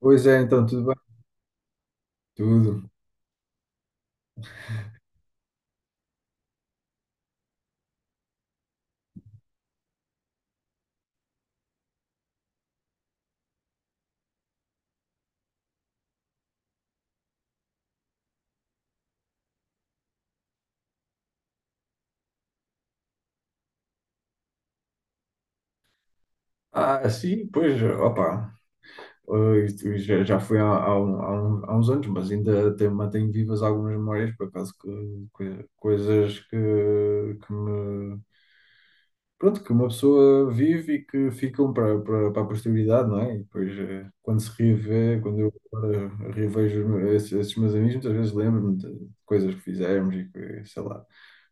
Pois é, então, tudo bem? Tudo. Ah, sim, pois, opa, isto já foi há uns anos, mas ainda mantenho vivas algumas memórias, por acaso, coisas pronto, que uma pessoa vive e que ficam para a posteridade, não é? E depois, quando se revê, quando eu agora revejo esses meus amigos, muitas vezes lembro-me de coisas que fizemos e que, sei lá.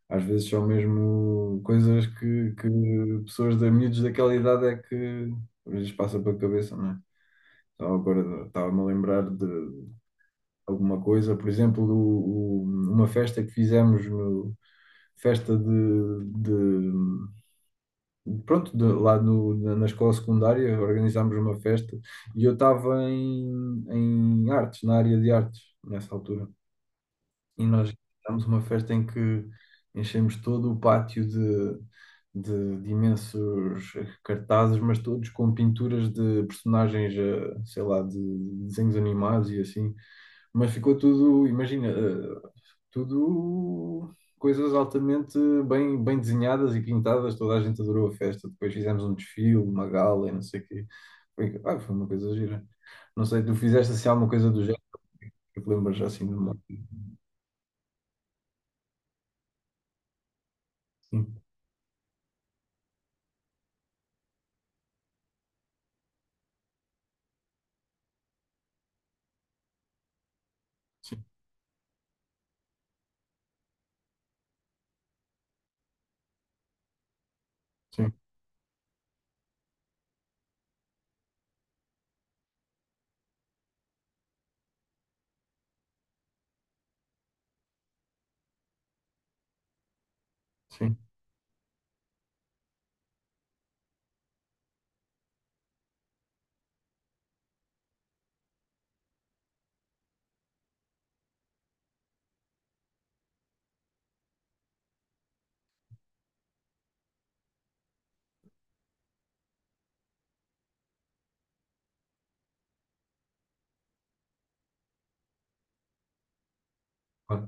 Às vezes são mesmo coisas que pessoas da miúdos daquela idade é que às vezes passa pela cabeça, não é? Só agora estava-me a lembrar de alguma coisa, por exemplo, uma festa que fizemos, no, festa de, de- pronto, de- lá no- na, na escola secundária, organizámos uma festa e eu estava em artes, na área de artes, nessa altura. E nós fizemos uma festa em que enchemos todo o pátio de imensos cartazes, mas todos com pinturas de personagens, sei lá, de desenhos animados e assim. Mas ficou tudo, imagina, tudo coisas altamente bem desenhadas e pintadas. Toda a gente adorou a festa. Depois fizemos um desfile, uma gala e não sei o quê. Foi, ah, foi uma coisa gira. Não sei, tu fizeste assim alguma coisa do género? Que te lembras assim de uma. Sim, sim. Sim, sim. Ah,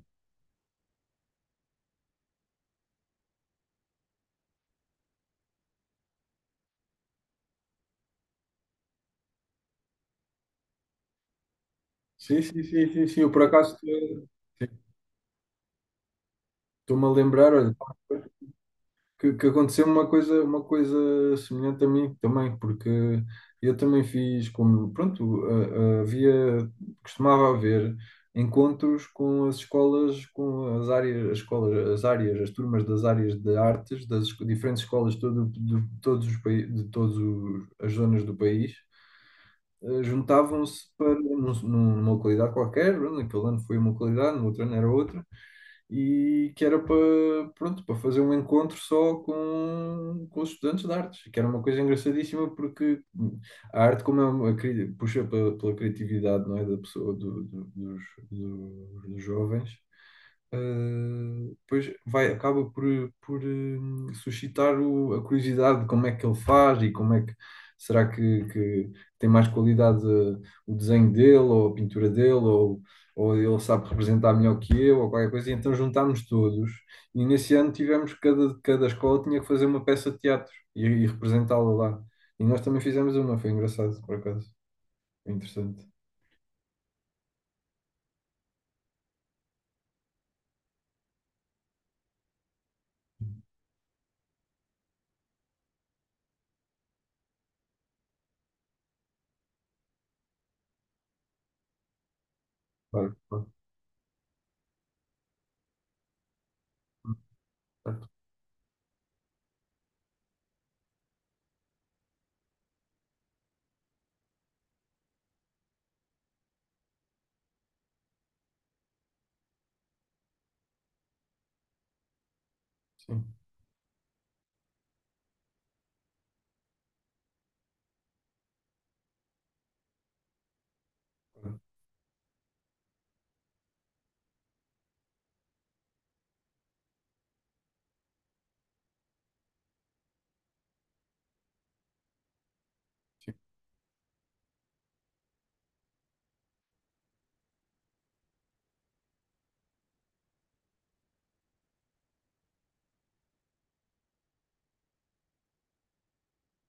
sim, sim, sim, sim, sim. Eu por acaso sim, estou-me a lembrar, olha, que aconteceu uma coisa semelhante a mim também, porque eu também fiz como, pronto, havia, costumava haver encontros com as escolas, com as áreas, as escolas, as áreas, as turmas das áreas de artes, das esco- diferentes escolas de todo, de todos os países, de todas as zonas do país. Juntavam-se para numa localidade qualquer, pronto, naquele ano foi uma localidade, no outro ano era outra, e que era para, pronto, para fazer um encontro só com os estudantes de artes, que era uma coisa engraçadíssima porque a arte, como é uma, cri- puxa pela, pela criatividade, não é, da pessoa, dos jovens. Depois vai, acaba por, suscitar o- a curiosidade de como é que ele faz e como é que será que tem mais qualidade o desenho dele ou a pintura dele ou ele sabe representar melhor que eu ou qualquer coisa. E então juntámos todos e nesse ano tivemos cada escola tinha que fazer uma peça de teatro e representá-la lá. E nós também fizemos uma, foi engraçado por acaso, foi interessante. Claro, claro, claro, sim,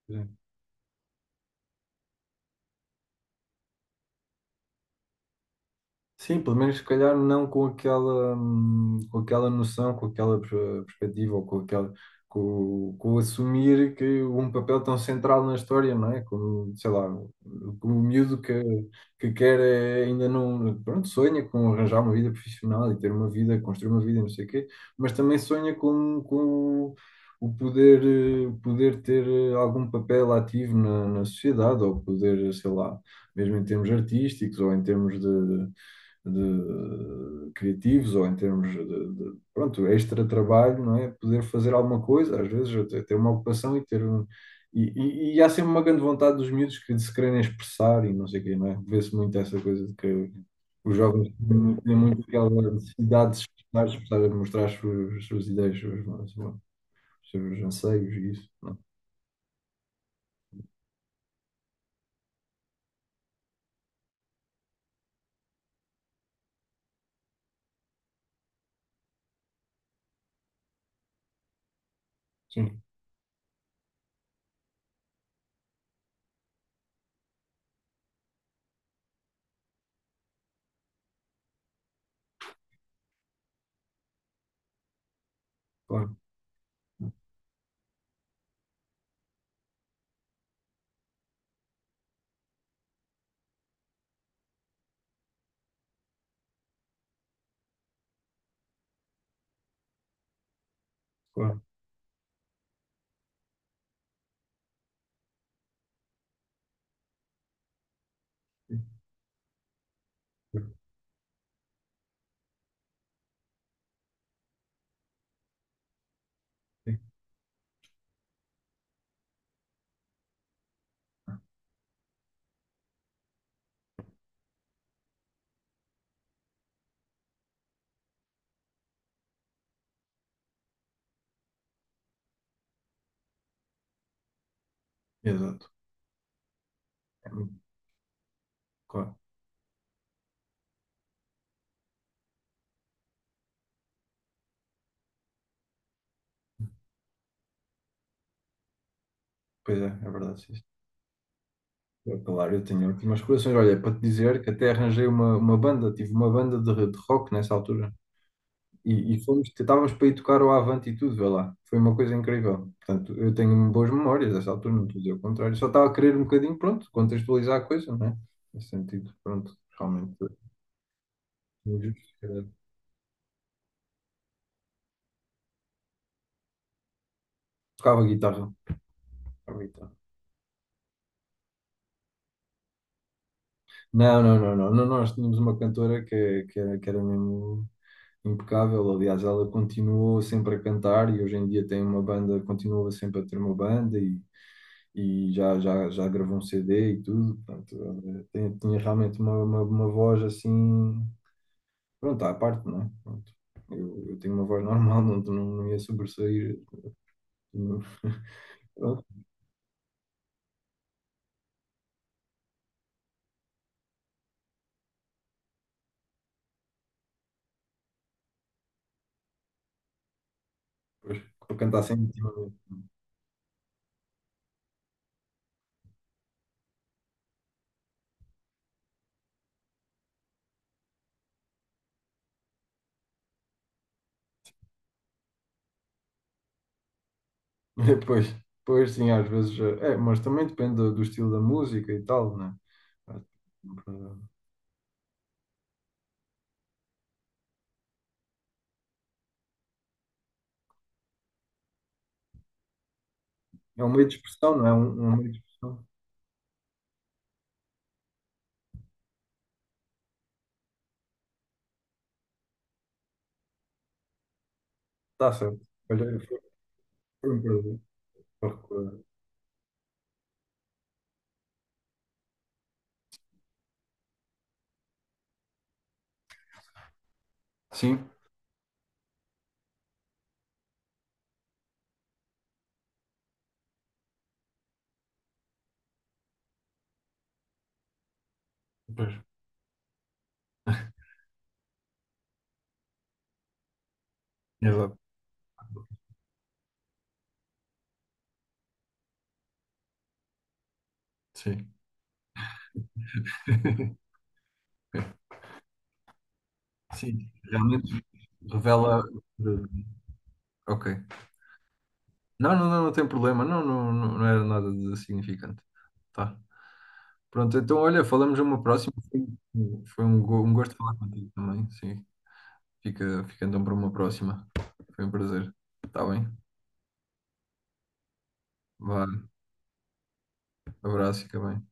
claro. Sim, pelo menos se calhar não com aquela, com aquela noção, com aquela per- perspectiva ou com aquela, com assumir que um papel tão central na história, não é? Como, sei lá, o miúdo que quer é, ainda não, pronto, sonha com arranjar uma vida profissional e ter uma vida, construir uma vida, e não sei o quê, mas também sonha com o poder, poder ter algum papel ativo na sociedade ou poder, sei lá, mesmo em termos artísticos ou em termos de criativos ou em termos pronto, extra trabalho, não é? Poder fazer alguma coisa, às vezes até ter uma ocupação e ter um. E há sempre uma grande vontade dos miúdos que de se quererem expressar e não sei o quê, não é? Vê-se muito essa coisa de que os jovens têm muito aquela necessidade de se expressar, de expressar, de mostrar as suas ideias, os seus anseios e isso, não é? Sim, claro, claro. Sim, sim, exato. É muito- claro. Pois é, é verdade, sim. Eu, claro, eu tenho ótimas coleções. Olha, para te dizer que até arranjei uma banda, tive uma banda de rock nessa altura. E fomos, estávamos para ir tocar o Avante e tudo, vê lá. Foi uma coisa incrível. Portanto, eu tenho boas memórias dessa altura, não estou a dizer o contrário. Só estava a querer um bocadinho, pronto, contextualizar a coisa, não é? Nesse sentido, pronto, realmente. Tinha justo, se calhar. Tocava guitarra. Tocava guitarra. Não, não, não, não, não. Nós tínhamos uma cantora era, que era mesmo. Impecável. Aliás, ela continuou sempre a cantar e hoje em dia tem uma banda, continua sempre a ter uma banda e, já gravou um CD e tudo. Portanto, ela tem- tinha realmente uma voz assim, pronto, à parte, não é? Pronto. Eu tenho uma voz normal, não ia sobressair. Não- pronto, pois, para cantar sempre. Depois, depois sim, às vezes. É, mas também depende do estilo da música e tal, né? É um meio de expressão, não é? Um meio de expressão. Está certo. Olha, foi um prazer para recordar. Sim, pois, exato, sim. Sim, realmente revela. Ok. Não, não, não, não tem problema. Não, não, não não era nada de significante. Tá. Pronto, então olha, falamos uma próxima. Um gosto falar contigo também. Sim, fica então para uma próxima. Foi um prazer. Está bem? Vá, abraço, fica bem.